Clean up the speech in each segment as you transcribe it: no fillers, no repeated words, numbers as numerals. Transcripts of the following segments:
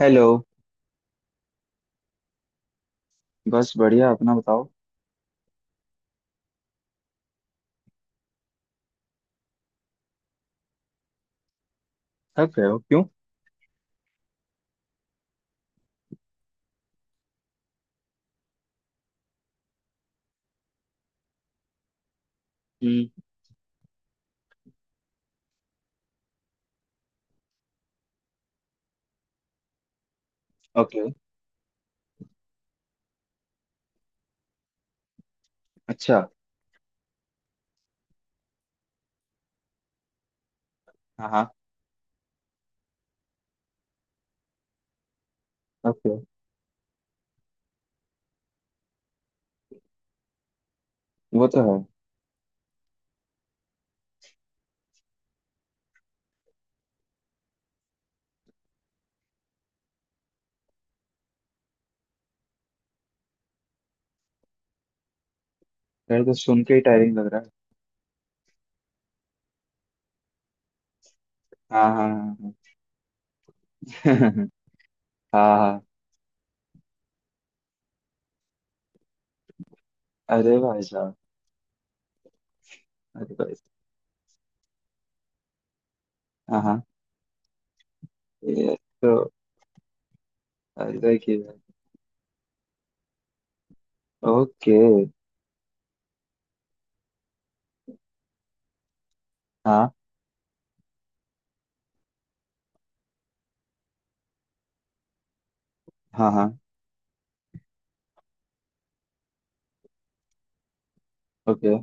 Hello. बस बढ़िया, अपना बताओ। थक रहे हो क्यों? हम्म। ओके। अच्छा। हाँ हाँ। ओके। वो तो है। यार, तो सुन के ही टायरिंग लग रहा है। हाँ हाँ। हाँ हाँ। हाँ हाँ, अरे भाई साहब। अरे भाई साहब, हाँ हाँ। ये तो। अरे की बात। ओके। हाँ। हाँ हाँ। ओके।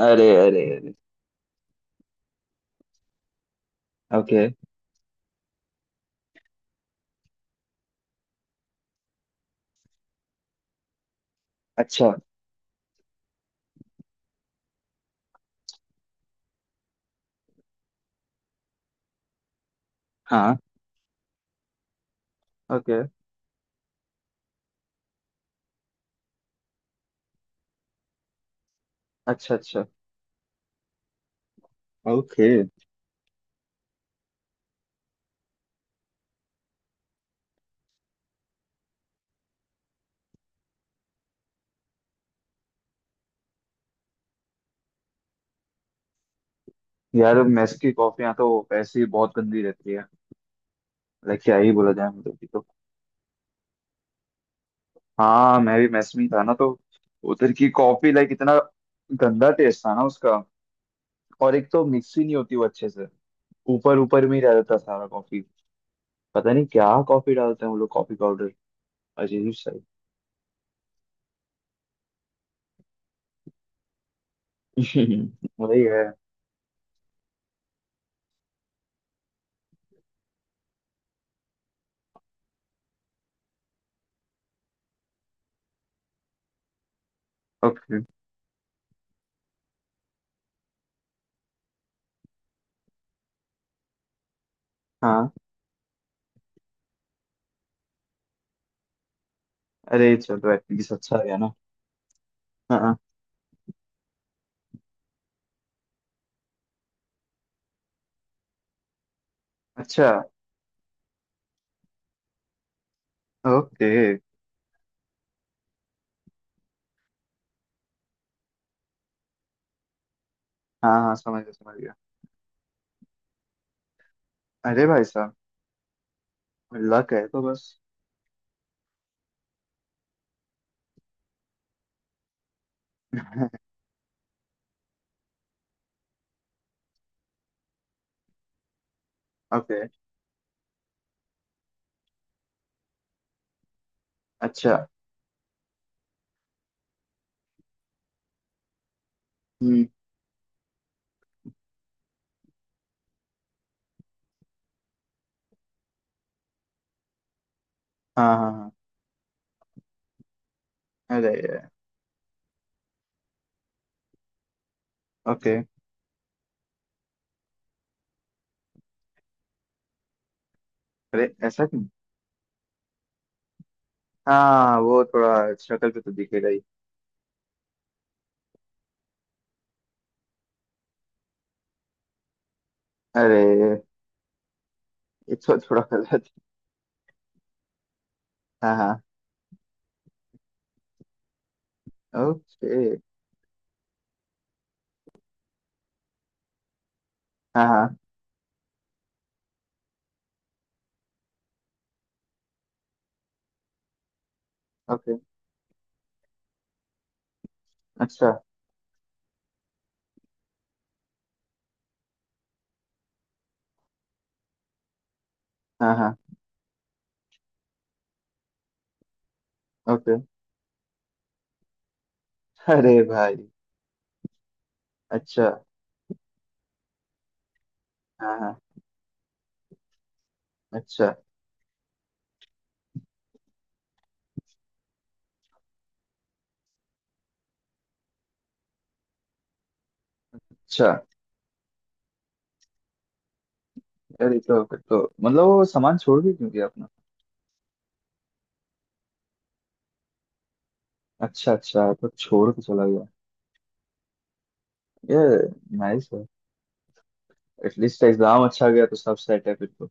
अरे अरे अरे। ओके। अच्छा। हाँ। ओके। अच्छा अच्छा। ओके। यार, मेस की कॉफियाँ तो ऐसी बहुत गंदी रहती है। लाइक क्या ही बोला जाए, मतलब कि तो। हाँ, मैं भी mess में ही था ना, तो उधर की कॉफी लाइक इतना गंदा टेस्ट था ना उसका। और एक तो मिक्स ही नहीं होती वो अच्छे से। ऊपर ऊपर में ही रह जाता सारा कॉफी। पता नहीं क्या कॉफी डालते हैं वो लोग, कॉफी पाउडर अजीब सा। ही। वही है। ओके। हाँ, अरे चलो एटलीस्ट अच्छा आ गया ना। हाँ हाँ। अच्छा। ओके। हाँ हाँ समझ गया, समझ गया। अरे भाई साहब। लक है तो बस। ओके। अच्छा। हम्म। हाँ हाँ हाँ। अरे। ओके। अरे ऐसा क्यों? हाँ वो थोड़ा शक्ल पे तो दिखेगा ही। अरे ये तो थोड़ा गलत है। हाँ हाँ। ओके। हाँ हाँ। ओके। अच्छा। हाँ हाँ। ओके। अरे भाई। अच्छा। हाँ हाँ। अच्छा अच्छा। अरे तो फिर तो मतलब वो सामान छोड़ के क्यों गया अपना? अच्छा अच्छा, तो छोड़ के चला गया। ये नाइस है। एटलीस्ट एग्जाम अच्छा गया तो सब सेट है फिर तो।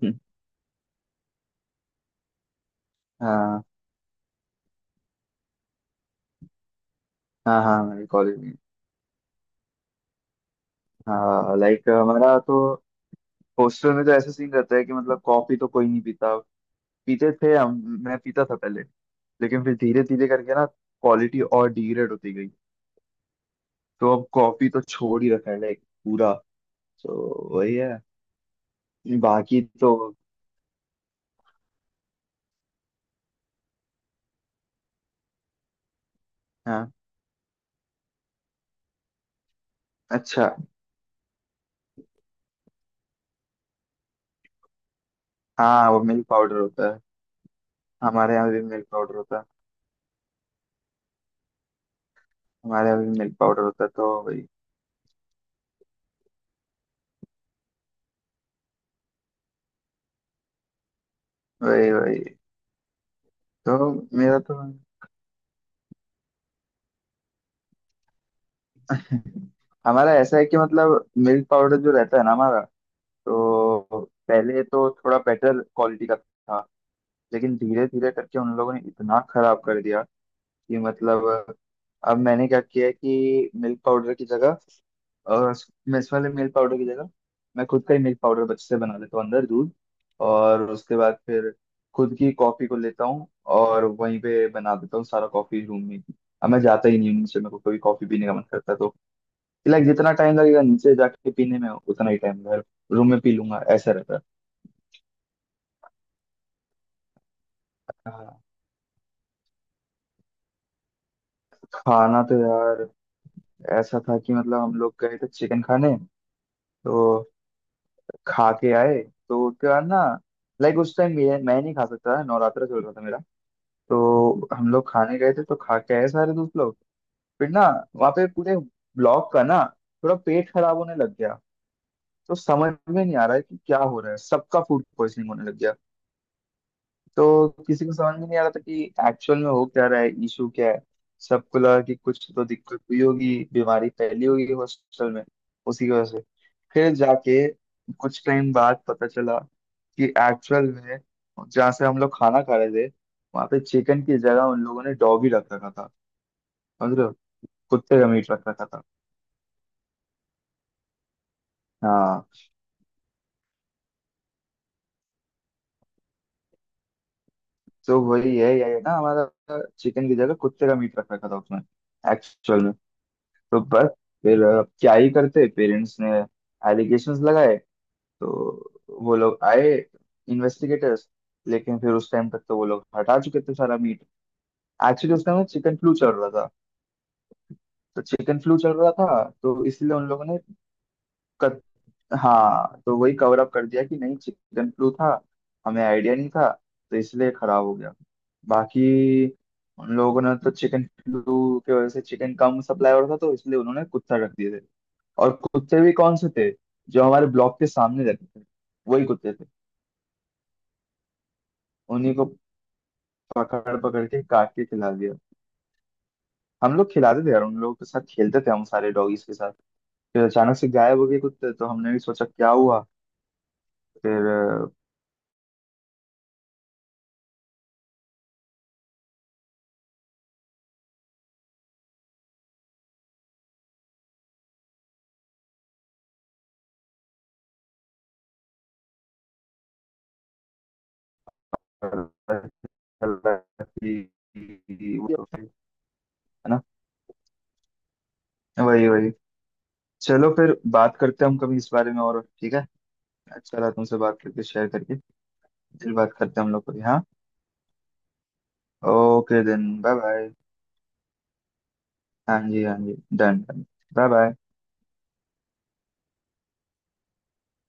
हाँ हाँ हाँ, मेरे कॉलेज में। हाँ, लाइक हमारा तो हॉस्टल में तो ऐसा सीन रहता है कि मतलब कॉफी तो कोई नहीं पीता। पीते थे हम। मैं पीता था पहले, लेकिन फिर धीरे धीरे करके ना क्वालिटी और डिग्रेड होती गई। तो अब कॉफी तो छोड़ ही रखा है लाइक पूरा। तो वही है। बाकी तो। हाँ। अच्छा। हाँ वो मिल्क पाउडर होता है। हमारे यहाँ भी मिल्क पाउडर होता है। हमारे यहाँ भी मिल्क पाउडर होता है, तो वही वही वही। तो मेरा तो। हमारा ऐसा है कि मतलब मिल्क पाउडर जो रहता है ना हमारा, तो पहले तो थोड़ा बेटर क्वालिटी का था। लेकिन धीरे धीरे करके उन लोगों ने इतना खराब कर दिया कि मतलब, अब मैंने क्या किया है कि मिल्क पाउडर की जगह, अ, मिस वाले मिल्क पाउडर की जगह मैं खुद का ही मिल्क पाउडर बच से बना लेता हूँ अंदर दूध। और उसके बाद फिर खुद की कॉफी को लेता हूँ और वहीं पे बना देता हूँ सारा कॉफी रूम में ही। अब मैं जाता ही नहीं हूँ नीचे। मेरे को कभी कॉफी पीने का मन करता है, तो लाइक जितना टाइम लगेगा नीचे जाके पीने में उतना ही टाइम घर रूम में पी लूंगा, ऐसा रहता है। हाँ, खाना तो यार ऐसा था कि मतलब हम लोग गए थे चिकन खाने, तो खा के आए। तो उसके बाद ना, लाइक उस टाइम मैं नहीं खा सकता था, नवरात्रा चल रहा था मेरा। तो हम लोग खाने गए थे तो खा के आए सारे दोस्त लोग। फिर ना, वहाँ पे पूरे ब्लॉक का ना थोड़ा पेट खराब होने लग गया। तो समझ में नहीं आ रहा है कि क्या हो रहा है, सबका फूड पॉइजनिंग होने लग गया। तो किसी को समझ में नहीं आ रहा था कि एक्चुअल में हो क्या रहा है, इशू क्या है। सबको लगा कि कुछ तो दिक्कत हुई होगी, बीमारी फैली होगी हॉस्टल में, उसी की वजह से। फिर जाके कुछ टाइम बाद पता चला कि एक्चुअल में जहाँ से हम लोग खाना खा रहे थे, वहां पे चिकन की जगह उन लोगों ने डॉगी रख रखा था। मतलब कुत्ते का मीट रख रखा था। हाँ तो वही है ये है ना, हमारा चिकन की जगह कुत्ते का मीट रख रखा था उसमें एक्चुअल में। तो बस फिर क्या ही करते, पेरेंट्स ने एलिगेशंस लगाए तो वो लोग आए, इन्वेस्टिगेटर्स। लेकिन फिर उस टाइम तक तो वो लोग हटा चुके थे सारा मीट। एक्चुअली उस टाइम चिकन फ्लू चल रहा था। तो चिकन फ्लू चल रहा था, तो इसलिए उन लोगों ने कत, हाँ तो वही कवर अप कर दिया कि नहीं चिकन फ्लू था, हमें आइडिया नहीं था, तो इसलिए खराब हो गया। बाकी उन लोगों ने तो चिकन फ्लू की वजह से चिकन कम सप्लाई हो रहा था तो इसलिए उन्होंने कुत्ता रख दिया। और कुत्ते भी कौन से थे? जो हमारे ब्लॉक के सामने रहते थे, वही कुत्ते थे। उन्हीं को पकड़ पकड़ के काट के खिला दिया। हम लोग खिलाते थे यार, उन लोगों के साथ खेलते थे हम, सारे डॉगीज के साथ। फिर अचानक से गायब हो गए कुत्ते, तो हमने भी सोचा क्या हुआ। फिर पता चला कि- है ना, वही वही। चलो फिर बात करते हैं हम कभी इस बारे में और, ठीक है। अच्छा लगा तुमसे बात करके, शेयर करके। फिर बात करते हैं हम लोग कभी। हाँ, ओके देन, बाय बाय। हाँ जी हाँ जी, डन डन। Bye bye.